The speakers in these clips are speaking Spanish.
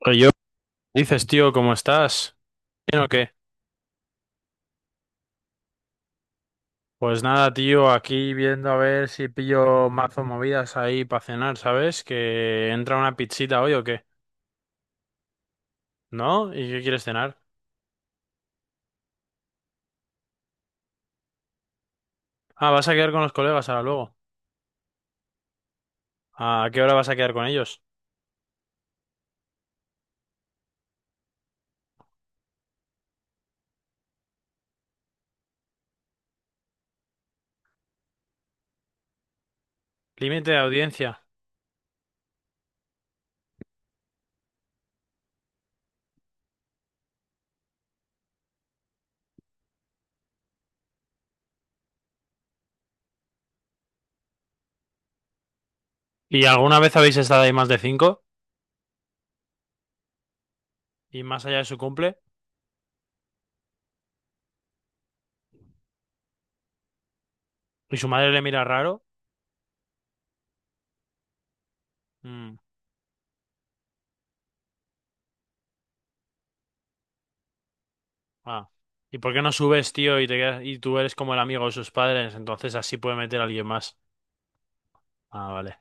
Oye, yo, dices, tío, ¿cómo estás? ¿Bien o qué? Pues nada, tío, aquí viendo a ver si pillo mazo movidas ahí para cenar, ¿sabes? Que entra una pizzita hoy o qué, ¿no? ¿Y qué quieres cenar? Ah, vas a quedar con los colegas ahora luego. ¿A qué hora vas a quedar con ellos? Límite de audiencia. ¿Y alguna vez habéis estado ahí más de cinco? ¿Y más allá de su cumple? ¿Y su madre le mira raro? Mm, ah. ¿Y por qué no subes, tío, y y tú eres como el amigo de sus padres? Entonces así puede meter a alguien más. Ah, vale.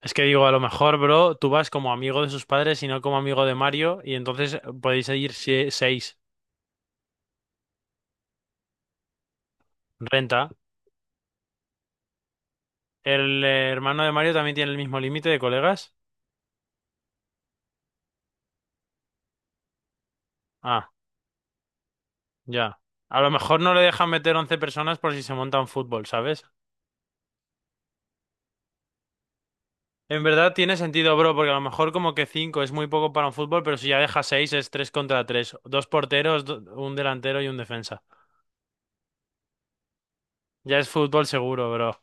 Es que digo, a lo mejor, bro, tú vas como amigo de sus padres y no como amigo de Mario, y entonces podéis ir seis. Renta. ¿El hermano de Mario también tiene el mismo límite de colegas? Ah, ya. A lo mejor no le dejan meter 11 personas por si se monta un fútbol, ¿sabes? En verdad tiene sentido, bro, porque a lo mejor como que cinco es muy poco para un fútbol, pero si ya deja seis es tres contra tres. Dos porteros, un delantero y un defensa. Ya es fútbol seguro, bro.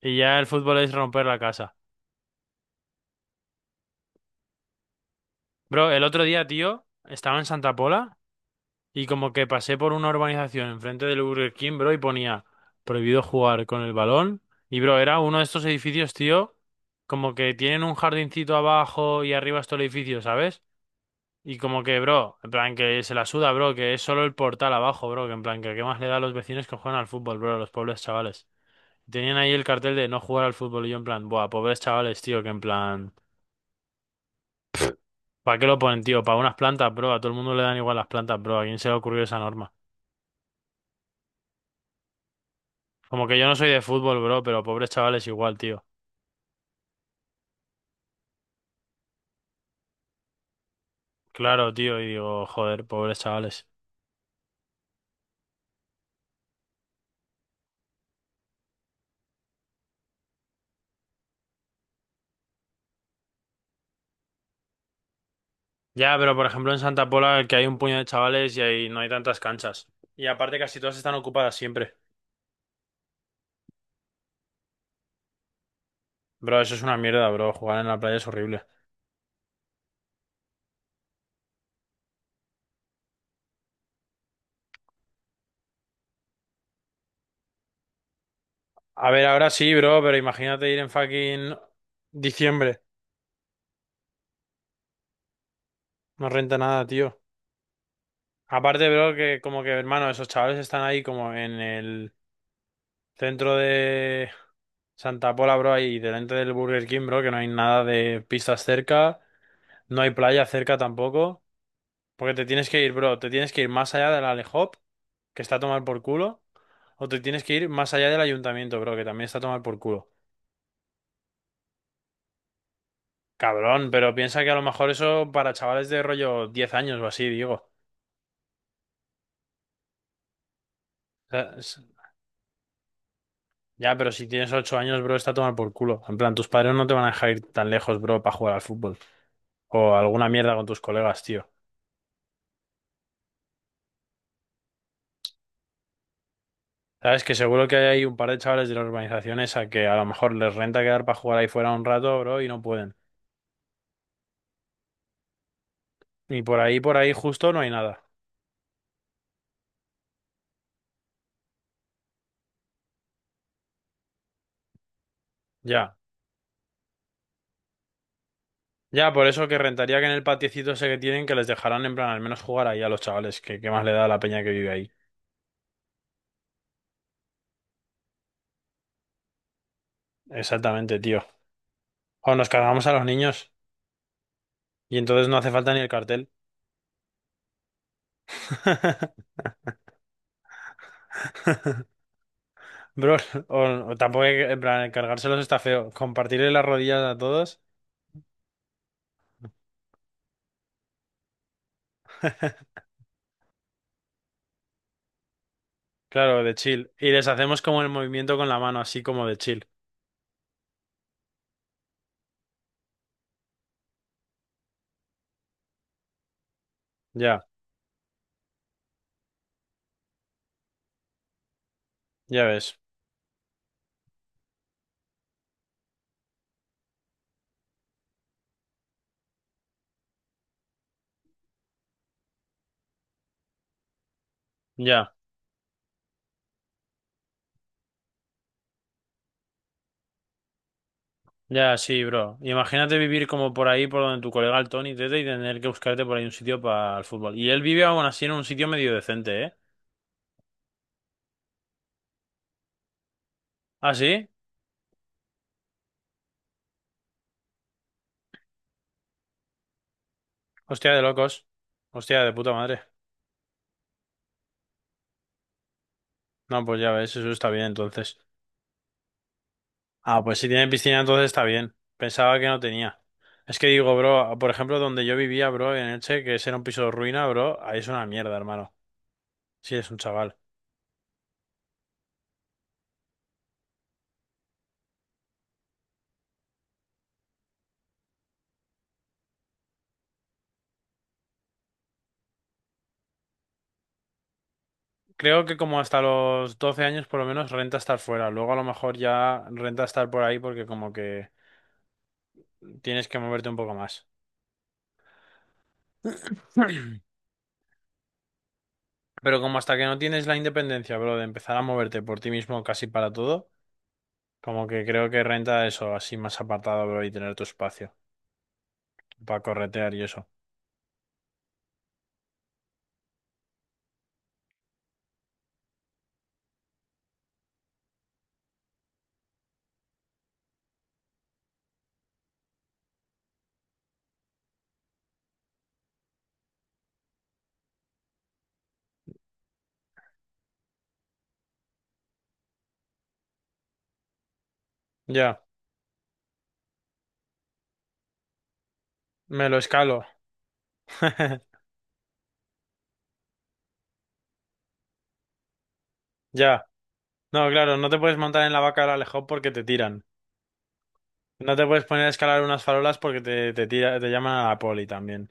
Y ya el fútbol es romper la casa. Bro, el otro día, tío, estaba en Santa Pola. Y como que pasé por una urbanización enfrente del Burger King, bro, y ponía prohibido jugar con el balón. Y, bro, era uno de estos edificios, tío, como que tienen un jardincito abajo y arriba es todo el edificio, ¿sabes? Y como que, bro, en plan que se la suda, bro, que es solo el portal abajo, bro, que en plan que qué más le da a los vecinos que juegan al fútbol, bro, a los pobres chavales. Tenían ahí el cartel de no jugar al fútbol y yo en plan, buah, pobres chavales, tío, que en plan, ¿para qué lo ponen, tío? Para unas plantas, bro, a todo el mundo le dan igual las plantas, bro, ¿a quién se le ocurrió esa norma? Como que yo no soy de fútbol, bro, pero pobres chavales igual, tío. Claro, tío, y digo, joder, pobres chavales. Ya, pero por ejemplo en Santa Pola que hay un puño de chavales y ahí no hay tantas canchas. Y aparte casi todas están ocupadas siempre. Bro, eso es una mierda, bro. Jugar en la playa es horrible. A ver, ahora sí, bro, pero imagínate ir en fucking diciembre. No renta nada, tío. Aparte, bro, que como que, hermano, esos chavales están ahí como en el centro de Santa Pola, bro, ahí delante del Burger King, bro, que no hay nada de pistas cerca. No hay playa cerca tampoco. Porque te tienes que ir, bro. Te tienes que ir más allá del Alehop, que está a tomar por culo. O te tienes que ir más allá del ayuntamiento, bro, que también está a tomar por culo. Cabrón, pero piensa que a lo mejor eso para chavales de rollo 10 años o así, digo. O sea, Ya, pero si tienes 8 años, bro, está a tomar por culo. En plan, tus padres no te van a dejar ir tan lejos, bro, para jugar al fútbol. O alguna mierda con tus colegas, tío. Sabes que seguro que hay ahí un par de chavales de la urbanización esa que a lo mejor les renta quedar para jugar ahí fuera un rato, bro, y no pueden. Y por ahí justo no hay nada. Ya. Ya, por eso que rentaría que en el patiecito ese que tienen que les dejarán en plan al menos jugar ahí a los chavales, que más le da a la peña que vive ahí. Exactamente, tío. O nos cargamos a los niños y entonces no hace falta ni el cartel. Bro, o, o tampoco en plan cargárselos está feo. Compartirle las rodillas a todos. Claro, de chill. Y les hacemos como el movimiento con la mano, así como de chill. Ya, ya ves. Ya. Ya, sí, bro. Imagínate vivir como por ahí, por donde tu colega el Tony Tete, y tener que buscarte por ahí un sitio para el fútbol. Y él vive aún así en un sitio medio decente, ¿eh? ¿Ah, sí? Hostia, de locos. Hostia, de puta madre. No, pues ya ves, eso está bien entonces. Ah, pues si tiene piscina entonces está bien. Pensaba que no tenía. Es que digo, bro, por ejemplo, donde yo vivía, bro, en Elche, que ese era un piso de ruina, bro, ahí es una mierda, hermano. Sí, es un chaval. Creo que como hasta los 12 años por lo menos renta estar fuera. Luego a lo mejor ya renta estar por ahí porque como que... Tienes que moverte un poco más. Pero como hasta que no tienes la independencia, bro, de empezar a moverte por ti mismo casi para todo, como que creo que renta eso, así más apartado, bro, y tener tu espacio para corretear y eso. Ya, me lo escalo. Ya. No, claro, no te puedes montar en la vaca del Alejo porque te tiran. No te puedes poner a escalar unas farolas porque te tira, te llaman a la poli también.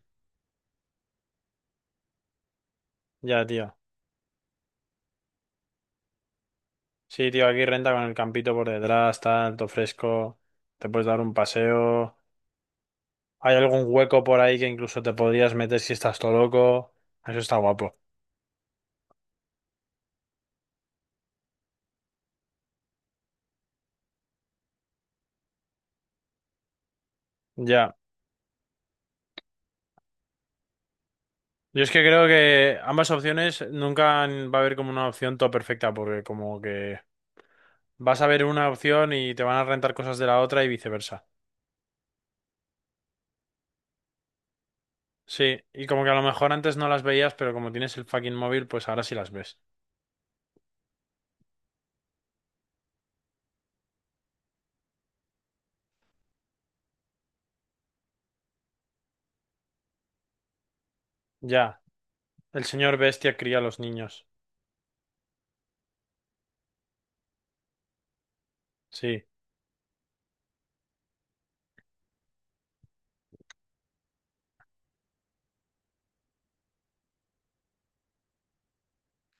Ya, tío. Sí, tío, aquí renta con el campito por detrás, tal, todo fresco. Te puedes dar un paseo. Hay algún hueco por ahí que incluso te podrías meter si estás todo loco. Eso está guapo. Ya. Yo es que creo que ambas opciones nunca va a haber como una opción todo perfecta, porque como que vas a ver una opción y te van a rentar cosas de la otra y viceversa. Sí, y como que a lo mejor antes no las veías, pero como tienes el fucking móvil, pues ahora sí las ves. Ya. El señor bestia cría a los niños. Sí.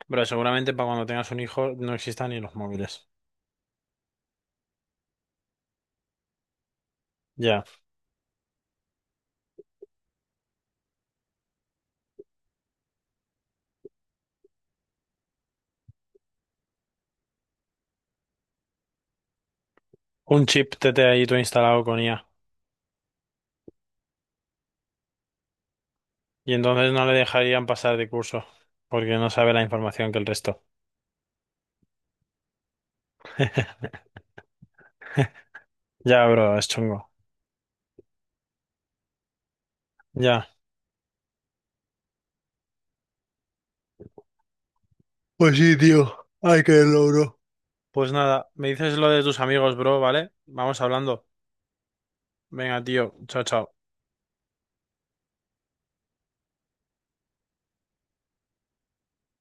Pero seguramente para cuando tengas un hijo no existan ni los móviles. Ya. Un chip TT ahí tú instalado con IA. Y entonces no le dejarían pasar de curso, porque no sabe la información que el resto. Ya, bro, es chungo. Ya. Pues sí, tío. Ay, bro. Pues nada, me dices lo de tus amigos, bro, ¿vale? Vamos hablando. Venga, tío. Chao, chao.